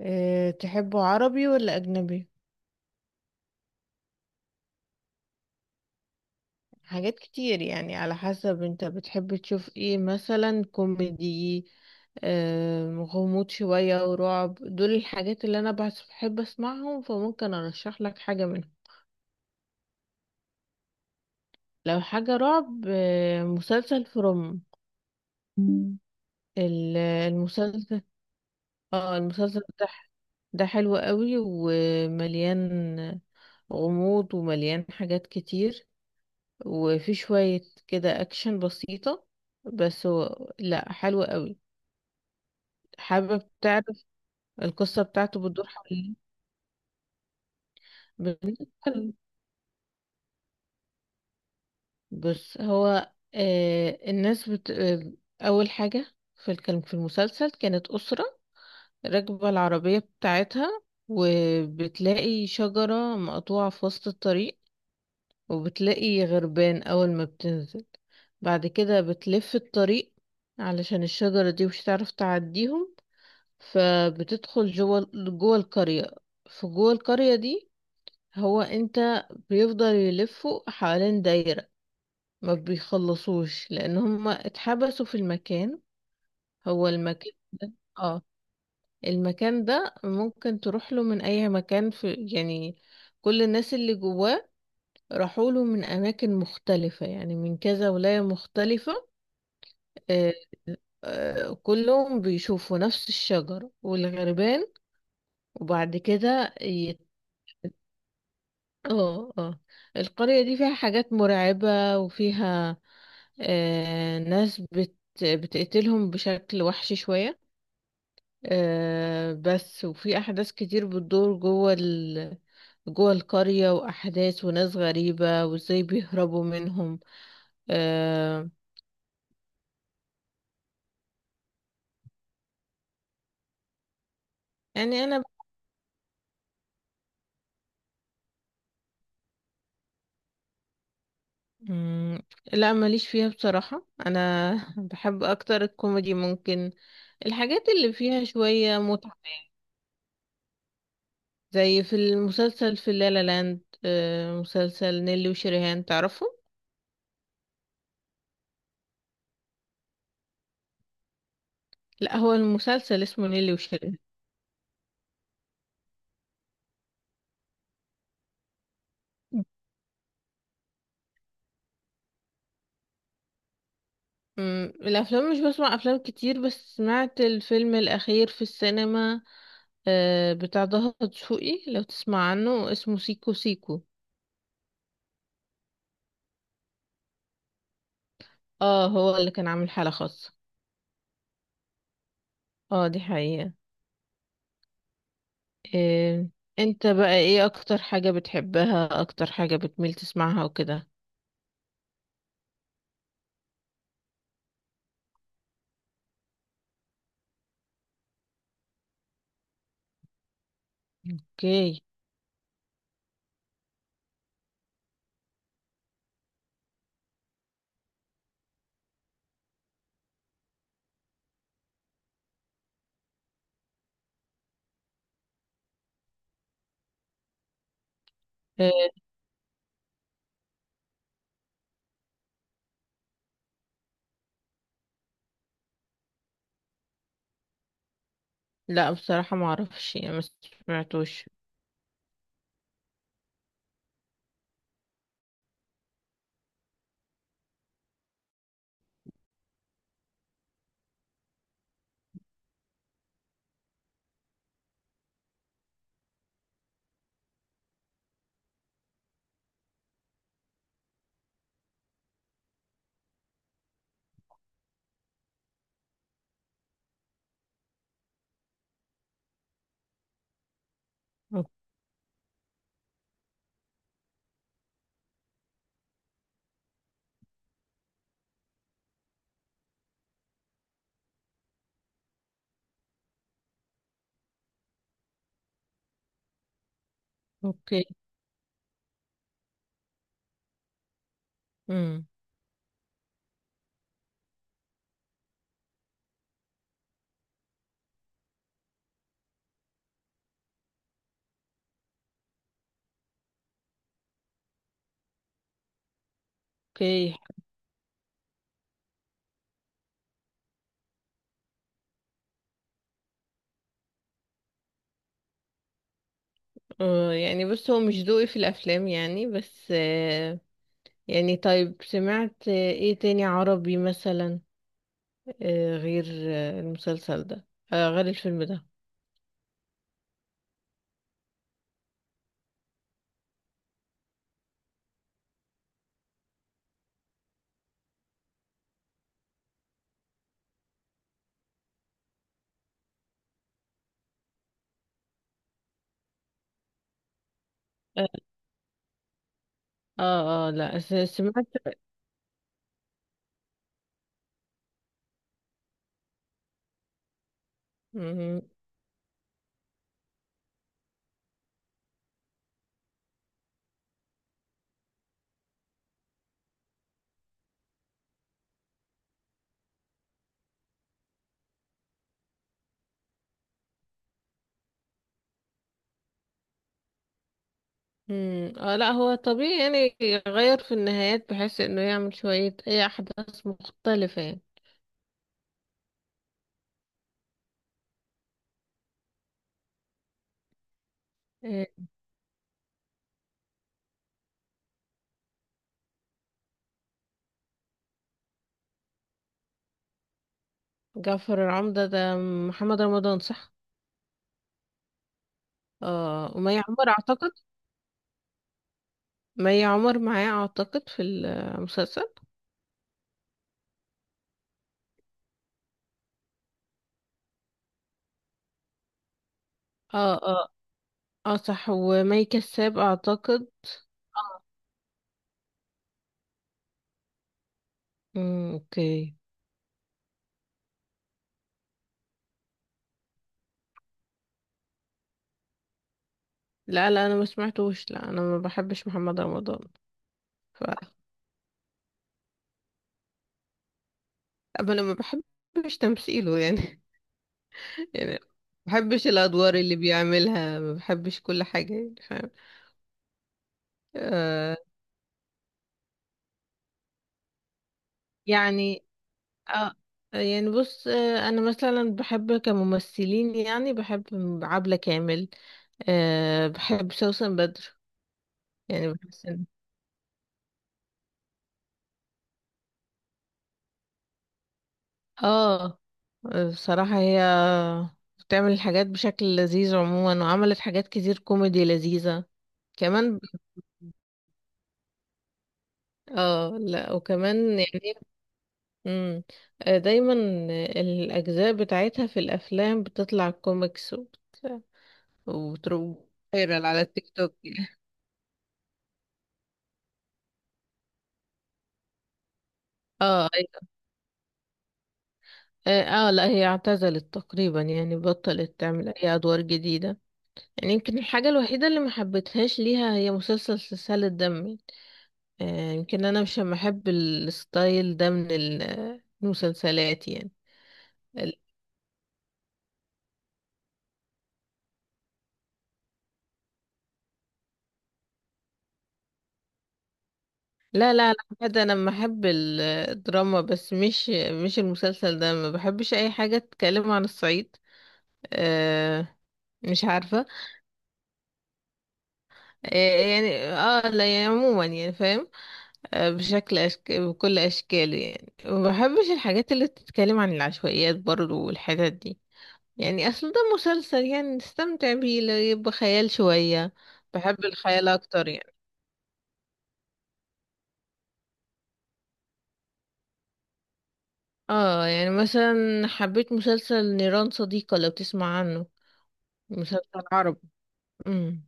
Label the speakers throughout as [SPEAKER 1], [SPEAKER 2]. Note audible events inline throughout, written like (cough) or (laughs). [SPEAKER 1] أه تحبه عربي ولا أجنبي؟ حاجات كتير يعني على حسب انت بتحب تشوف ايه، مثلا كوميدي، أه غموض شوية ورعب. دول الحاجات اللي أنا بحب أسمعهم، فممكن أرشح لك حاجة منهم. لو حاجة رعب، أه مسلسل فروم. مم. المسلسل، اه المسلسل ده، ده حلو قوي ومليان غموض، ومليان حاجات كتير، وفي شوية كده أكشن بسيطة، بس هو لأ حلو قوي. حابب تعرف القصة بتاعته؟ بتدور حوالين بنت حلو. بص هو آه الناس بت... آه أول حاجة في الكلام في المسلسل، كانت أسرة راكبة العربية بتاعتها، وبتلاقي شجرة مقطوعة في وسط الطريق، وبتلاقي غربان. أول ما بتنزل بعد كده بتلف الطريق، علشان الشجرة دي مش هتعرف تعديهم، فبتدخل جوه القرية. في جوه القرية دي، هو انت بيفضل يلفوا حوالين دايرة، ما بيخلصوش، لان هم اتحبسوا في المكان. هو المكان ده، اه المكان ده ممكن تروح له من اي مكان، في يعني كل الناس اللي جواه راحوا له من اماكن مختلفة، يعني من كذا ولاية مختلفة. آه، آه، كلهم بيشوفوا نفس الشجر والغربان. وبعد كده اه اه، القرية دي فيها حاجات مرعبة، وفيها آه ناس بت بتقتلهم بشكل وحشي شوية. آه بس، وفي أحداث كتير بتدور جوه القرية، وأحداث وناس غريبة، وازاي بيهربوا منهم. آه، يعني أنا مم، لا ماليش فيها بصراحة. أنا (laughs) بحب أكتر الكوميدي، ممكن الحاجات اللي فيها شوية متعة. زي في المسلسل في لا لا لاند، آه، مسلسل نيلي وشريهان، تعرفه؟ لا هو المسلسل اسمه نيلي وشريهان. الافلام مش بسمع افلام كتير، بس سمعت الفيلم الاخير في السينما، آه، بتاع ضهر دسوقي، لو تسمع عنه، اسمه سيكو سيكو. اه هو اللي كان عامل حالة خاصة. اه دي حقيقة. آه، انت بقى ايه اكتر حاجة بتحبها، اكتر حاجة بتميل تسمعها وكده؟ اوكي. آه، لا بصراحة ما اعرفش، يعني ما سمعتوش. اوكي. امم. اوكي. آه يعني بص، هو مش ذوقي في الافلام يعني، بس آه، يعني طيب سمعت آه ايه تاني عربي مثلا، آه غير آه المسلسل ده، آه غير الفيلم ده. اه اه. آه، لا سمعت. مم. مم. اه لا هو طبيعي يعني، يغير في النهايات، بحيث انه يعمل شوية اي احداث مختلفة يعني. آه، جعفر العمدة ده محمد رمضان، صح؟ اه ومي عمر اعتقد. مي عمر معاه اعتقد في المسلسل. اه اه. اه صح، ومي كساب اعتقد. اه. امم. اوكي. لا لا انا ما سمعتوش، لا انا ما بحبش محمد رمضان. ف أما انا ما بحبش تمثيله يعني. (laughs) يعني ما بحبش الادوار اللي بيعملها، ما بحبش كل حاجه يعني، فاهم؟ آه يعني، آه يعني بص، آه انا مثلا بحب كممثلين، يعني بحب عبلة كامل، آه بحب سوسن بدر. يعني اه بصراحة هي بتعمل حاجات بشكل لذيذ عموما، وعملت حاجات كتير كوميدي لذيذة. كمان ب- اه لا وكمان يعني، مم. آه، دايما الأجزاء بتاعتها في الأفلام بتطلع كوميكس وبتروح فايرال على التيك توك. اه ايوه. اه. آه، لا هي اعتزلت تقريبا، يعني بطلت تعمل أي أدوار جديدة. يعني يمكن الحاجة الوحيدة اللي ما حبيتهاش ليها هي مسلسل سلسال الدم. آه، يمكن انا مش بحب الستايل ده من المسلسلات يعني. ال- لا لا لا بجد انا بحب الدراما، بس مش، مش المسلسل ده. ما بحبش اي حاجه تتكلم عن الصعيد، آه، مش عارفه. آه يعني اه لا يعني عموما يعني فاهم. آه بشكل بكل اشكاله، يعني ما بحبش الحاجات اللي بتتكلم عن العشوائيات برضو والحتت دي. يعني اصل ده مسلسل يعني نستمتع بيه، لا يبقى خيال شويه. بحب الخيال اكتر يعني. اه يعني مثلا حبيت مسلسل نيران صديقة، لو تسمع عنه. مسلسل عربي. امم.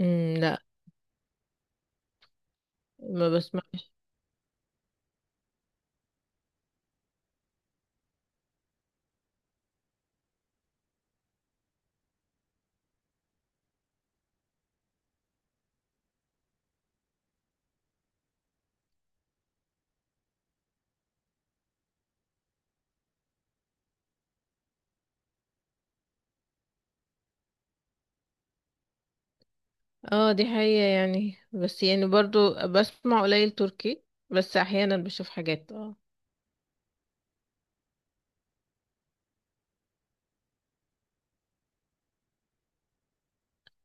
[SPEAKER 1] امم. لا ما بسمعش. اه دي حقيقة يعني، بس يعني برضو بسمع قليل تركي، بس احيانا بشوف حاجات اه.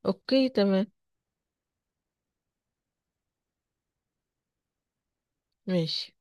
[SPEAKER 1] اوكي تمام. ماشي.